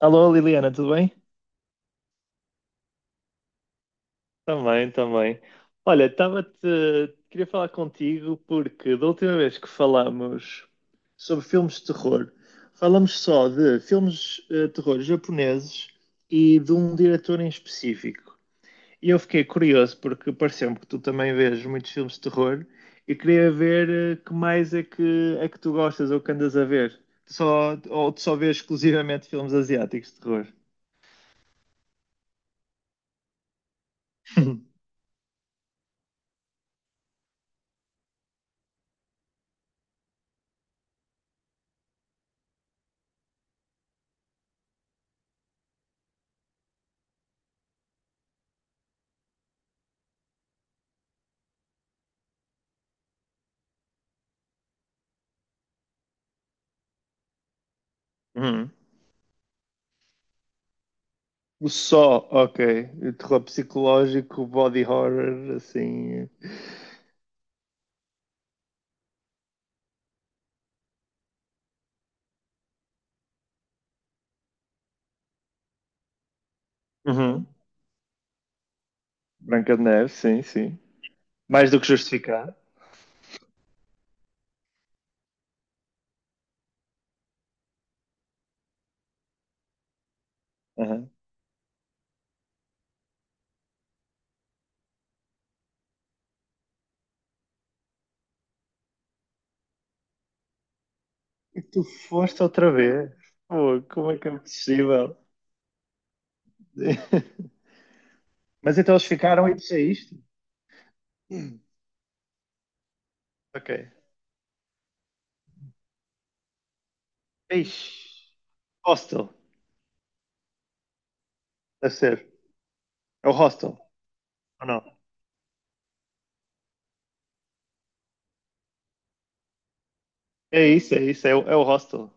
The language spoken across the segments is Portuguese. Alô, Liliana, tudo bem? Também, também. Olha, estava-te. Queria falar contigo porque da última vez que falámos sobre filmes de terror, falamos só de filmes de terror japoneses e de um diretor em específico. E eu fiquei curioso porque pareceu-me que tu também vês muitos filmes de terror e queria ver que mais é que tu gostas ou que andas a ver. Tu só vês exclusivamente filmes asiáticos de terror? O Só, ok. O terror psicológico, body horror, assim. Uhum. Branca de Neve, sim, sim. Mais do que justificar. Uhum. E tu foste outra vez. Pô, como é que é possível? Mas então eles ficaram e tu saíste? Ok. Ixi. Hostel, deve ser. É o hostel, ou não? É isso, é isso, é o hostel.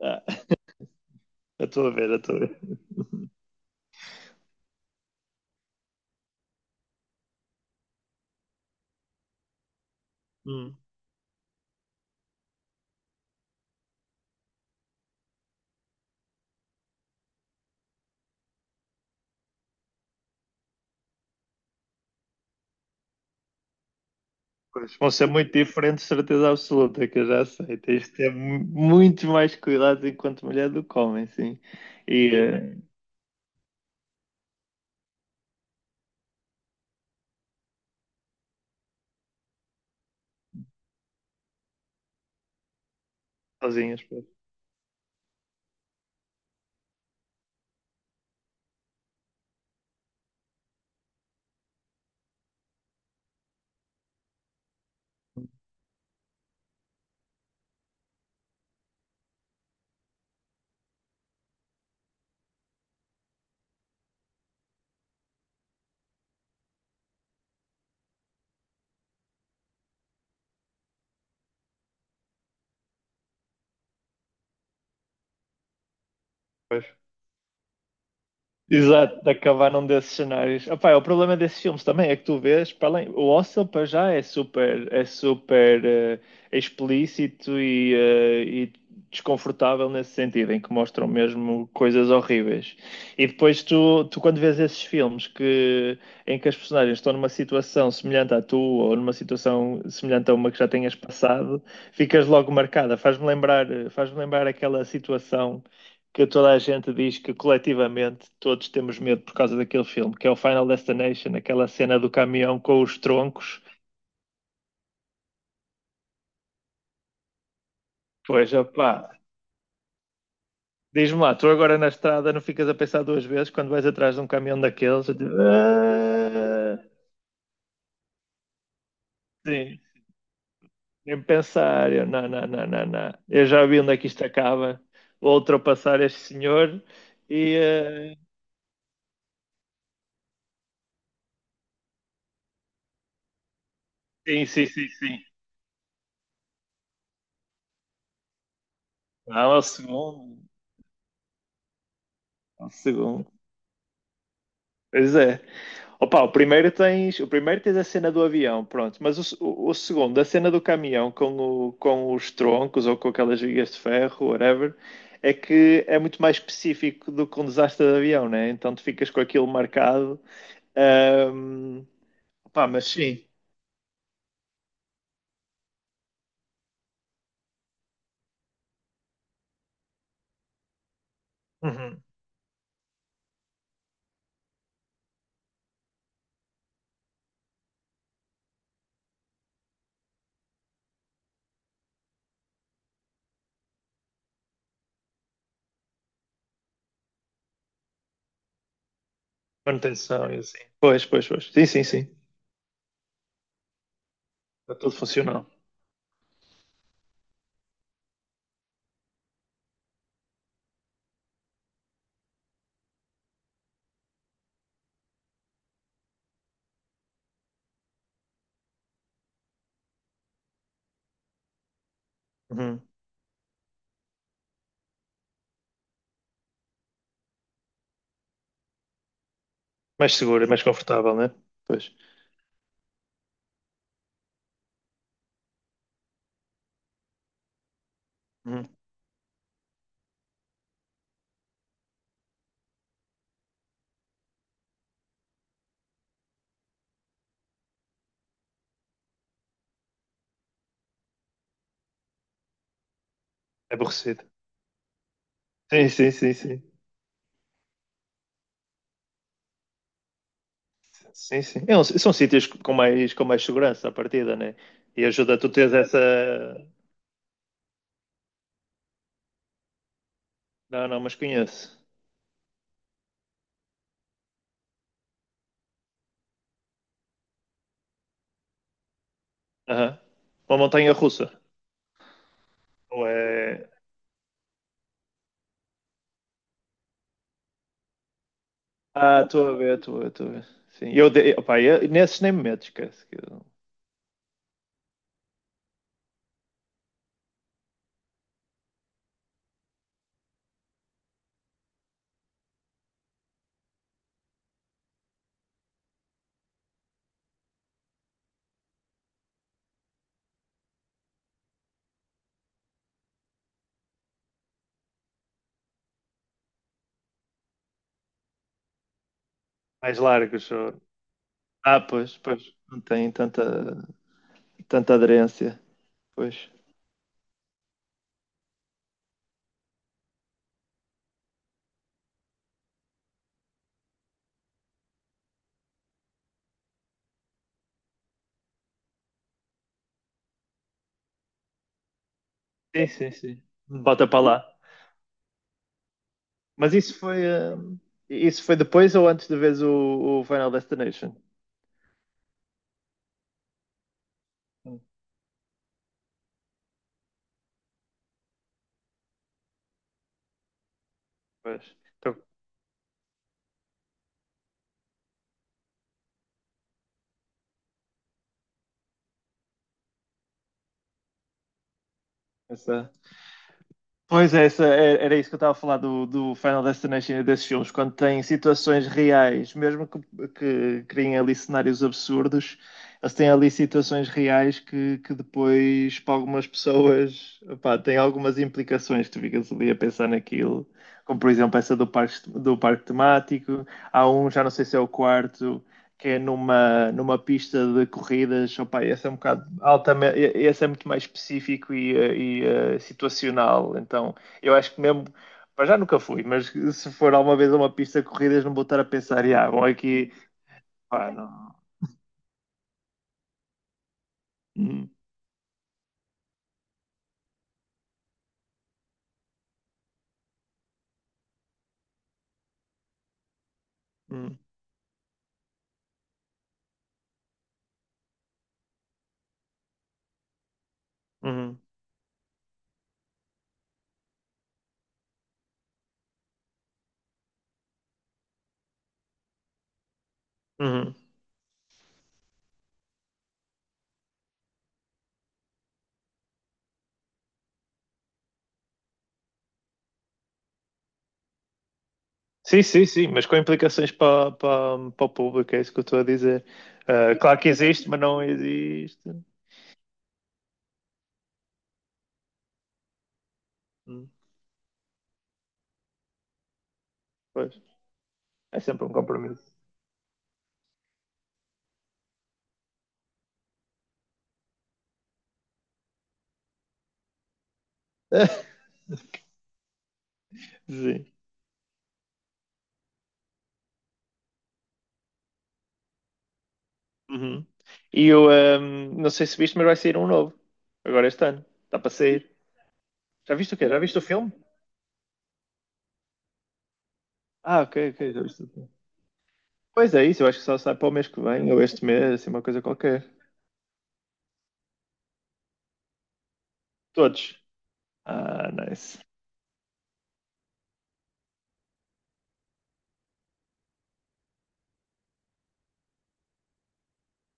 Ah, eu estou a ver, eu estou a ver. Hum. Pois, vão ser muito diferentes, certeza absoluta, que eu já sei. Tens de ter muito mais cuidado enquanto mulher do que homem, sim. E sozinhas, pois. Exato, de acabar num desses cenários. Opá, é o problema desses filmes também é que tu vês, para além, o Hostel para já é super explícito e desconfortável nesse sentido, em que mostram mesmo coisas horríveis. E depois tu quando vês esses filmes que, em que as personagens estão numa situação semelhante à tua ou numa situação semelhante a uma que já tenhas passado, ficas logo marcada. Faz-me lembrar aquela situação que toda a gente diz que coletivamente todos temos medo por causa daquele filme, que é o Final Destination, aquela cena do caminhão com os troncos. Pois, opá, diz-me lá, tu agora na estrada não ficas a pensar duas vezes quando vais atrás de um caminhão daqueles? Eu digo, ah, sim, nem pensar, eu, não, não, não, não, não. Eu já vi onde é que isto acaba, vou ultrapassar este senhor e... ah, sim, sim, sim, sim. Não, ao segundo, ao segundo. Pois é. Opa, o primeiro tens a cena do avião, pronto. Mas o, se- o segundo, a cena do caminhão com os troncos ou com aquelas vigas de ferro, whatever, é que é muito mais específico do que um desastre de avião, né? Então tu ficas com aquilo marcado. Ahm, Opa, mas sim. Uhum. Manutenção e assim. Pois, pois, pois. Sim, sim, sim. Está tudo funcional. Uhum. Mais seguro, mais confortável, né? Pois. Uhum. É aborrecido. Sim, sim, sim, sim. Sim, sim. São sítios com mais, segurança à partida, né? E ajuda tu teres essa. Não, não, mas conheço. Aham. Uma montanha russa. Ou é. Ah, estou a ver, estou a ver, estou a ver. Sim. Opa, nesses nem me meto, esquece. Que eu- Mais largos. Ou- Ah, pois, pois. Não tem tanta, aderência. Pois. Sim, sim, sim. Bota para lá. Mas isso foi. Isso foi depois ou antes de veres o Final Destination? Hum. Pois. Então, essa- Pois é, essa, era isso que eu estava a falar do Final Destination e desses filmes, quando tem situações reais, mesmo que criem ali cenários absurdos, eles têm ali situações reais que depois, para algumas pessoas, opá, têm algumas implicações que tu ficas ali a pensar naquilo, como por exemplo essa do parque, temático, há um, já não sei se é o quarto, que é numa pista de corridas, opa, esse é um bocado altamente, esse é muito mais específico e situacional, então eu acho que mesmo, para já nunca fui, mas se for alguma vez a uma pista de corridas não vou estar a pensar, ah, bom, aqui, pá, não. Hum, hum, hum, hum. Sim, sim, sim, mas com implicações para o público, é isso que eu estou a dizer. Claro que existe, mas não existe. Hum, Pois, é sempre um compromisso. Sim. Uhum. E eu não sei se viste, mas vai sair um novo. Agora este ano. Está para sair. Já viste o quê? Já viste o filme? Ah, ok, ok, já viste o filme. Pois é isso, eu acho que só sai para o mês que vem, ou este mês, assim, uma coisa qualquer. Todos. Ah, nice.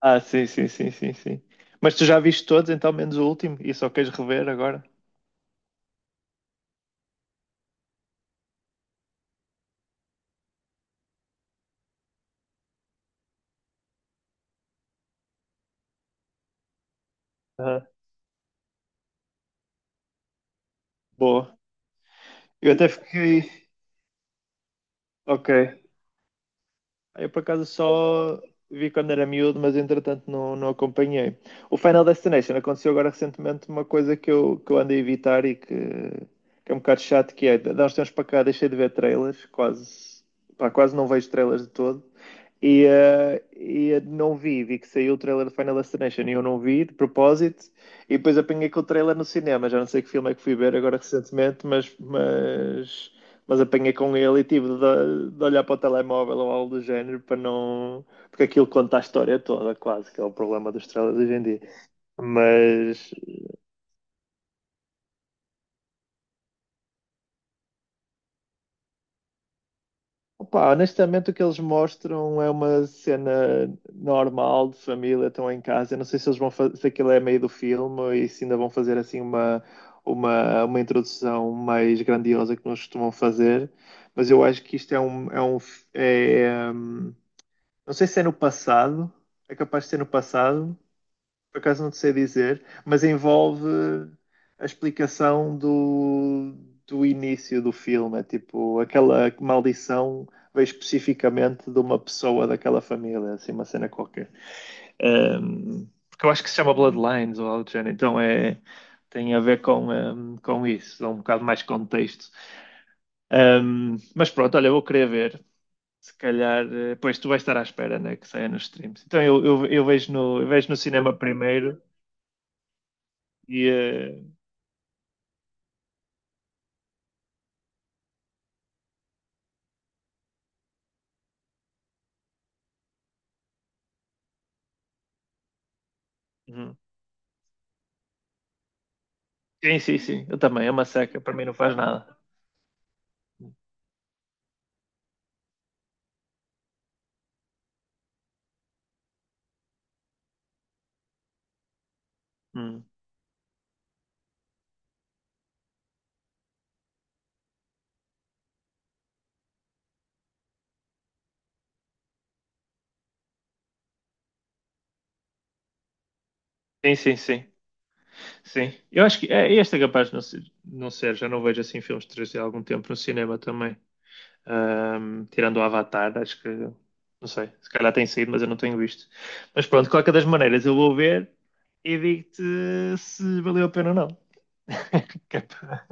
Ah, sim, sim, sim, sim, sim. Mas tu já viste todos, então, menos o último, e só queres rever agora? Aham. Boa. Eu até fiquei. Ok. Eu por acaso só vi quando era miúdo, mas entretanto não acompanhei. O Final Destination aconteceu agora recentemente uma coisa que eu ando a evitar e que é um bocado chato, que é, nós temos para cá, deixei de ver trailers, quase, pá, quase não vejo trailers de todo. E não vi, vi que saiu o trailer de Final Destination e eu não vi, de propósito, e depois apanhei com o trailer no cinema. Já não sei que filme é que fui ver agora recentemente, mas, apanhei com ele e tive de olhar para o telemóvel ou algo do género para não. Porque aquilo conta a história toda, quase, que é o problema dos trailers hoje em dia. Mas, Opa, honestamente, o que eles mostram é uma cena normal de família, estão em casa. Eu não sei se eles vão fazer, se aquilo é meio do filme e se ainda vão fazer assim uma, uma introdução mais grandiosa que nós costumam fazer, mas eu acho que isto é, hum, não sei se é no passado, é capaz de ser no passado, por acaso não te sei dizer, mas envolve a explicação do, início do filme. É tipo, aquela maldição veio especificamente de uma pessoa daquela família, assim, uma cena qualquer. Porque eu acho que se chama Bloodlines ou algo do género, então é. Tem a ver com isso, dá um bocado mais contexto. Mas pronto, olha, eu vou querer ver se calhar, pois tu vais estar à espera, né, que saia nos streams. Então eu vejo no cinema primeiro. e, eh, Uhum. Sim, sim, sim. Eu também. É uma seca. Para mim não faz nada. Uhum. Sim, sim, sim. Sim. Eu acho que este é capaz de não ser. Já não vejo assim filmes de 3D há algum tempo no cinema também. Tirando o Avatar, acho que. Não sei. Se calhar tem saído, mas eu não tenho visto. Mas pronto, de qualquer das maneiras, eu vou ver e digo-te se valeu a pena ou não. Que é para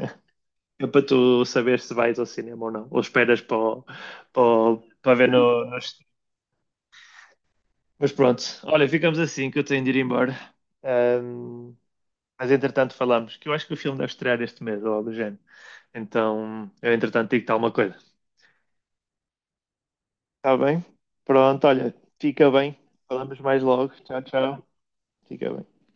que é para tu saber se vais ao cinema ou não. Ou esperas para ver no, no. Mas pronto, olha, ficamos assim que eu tenho de ir embora. Ahm, mas entretanto falamos, que eu acho que o filme deve estrear este mês, ou algo do género. Então, eu entretanto digo-te alguma coisa. Está bem? Pronto, olha, fica bem. Falamos mais logo. Tchau, tchau. Fica bem.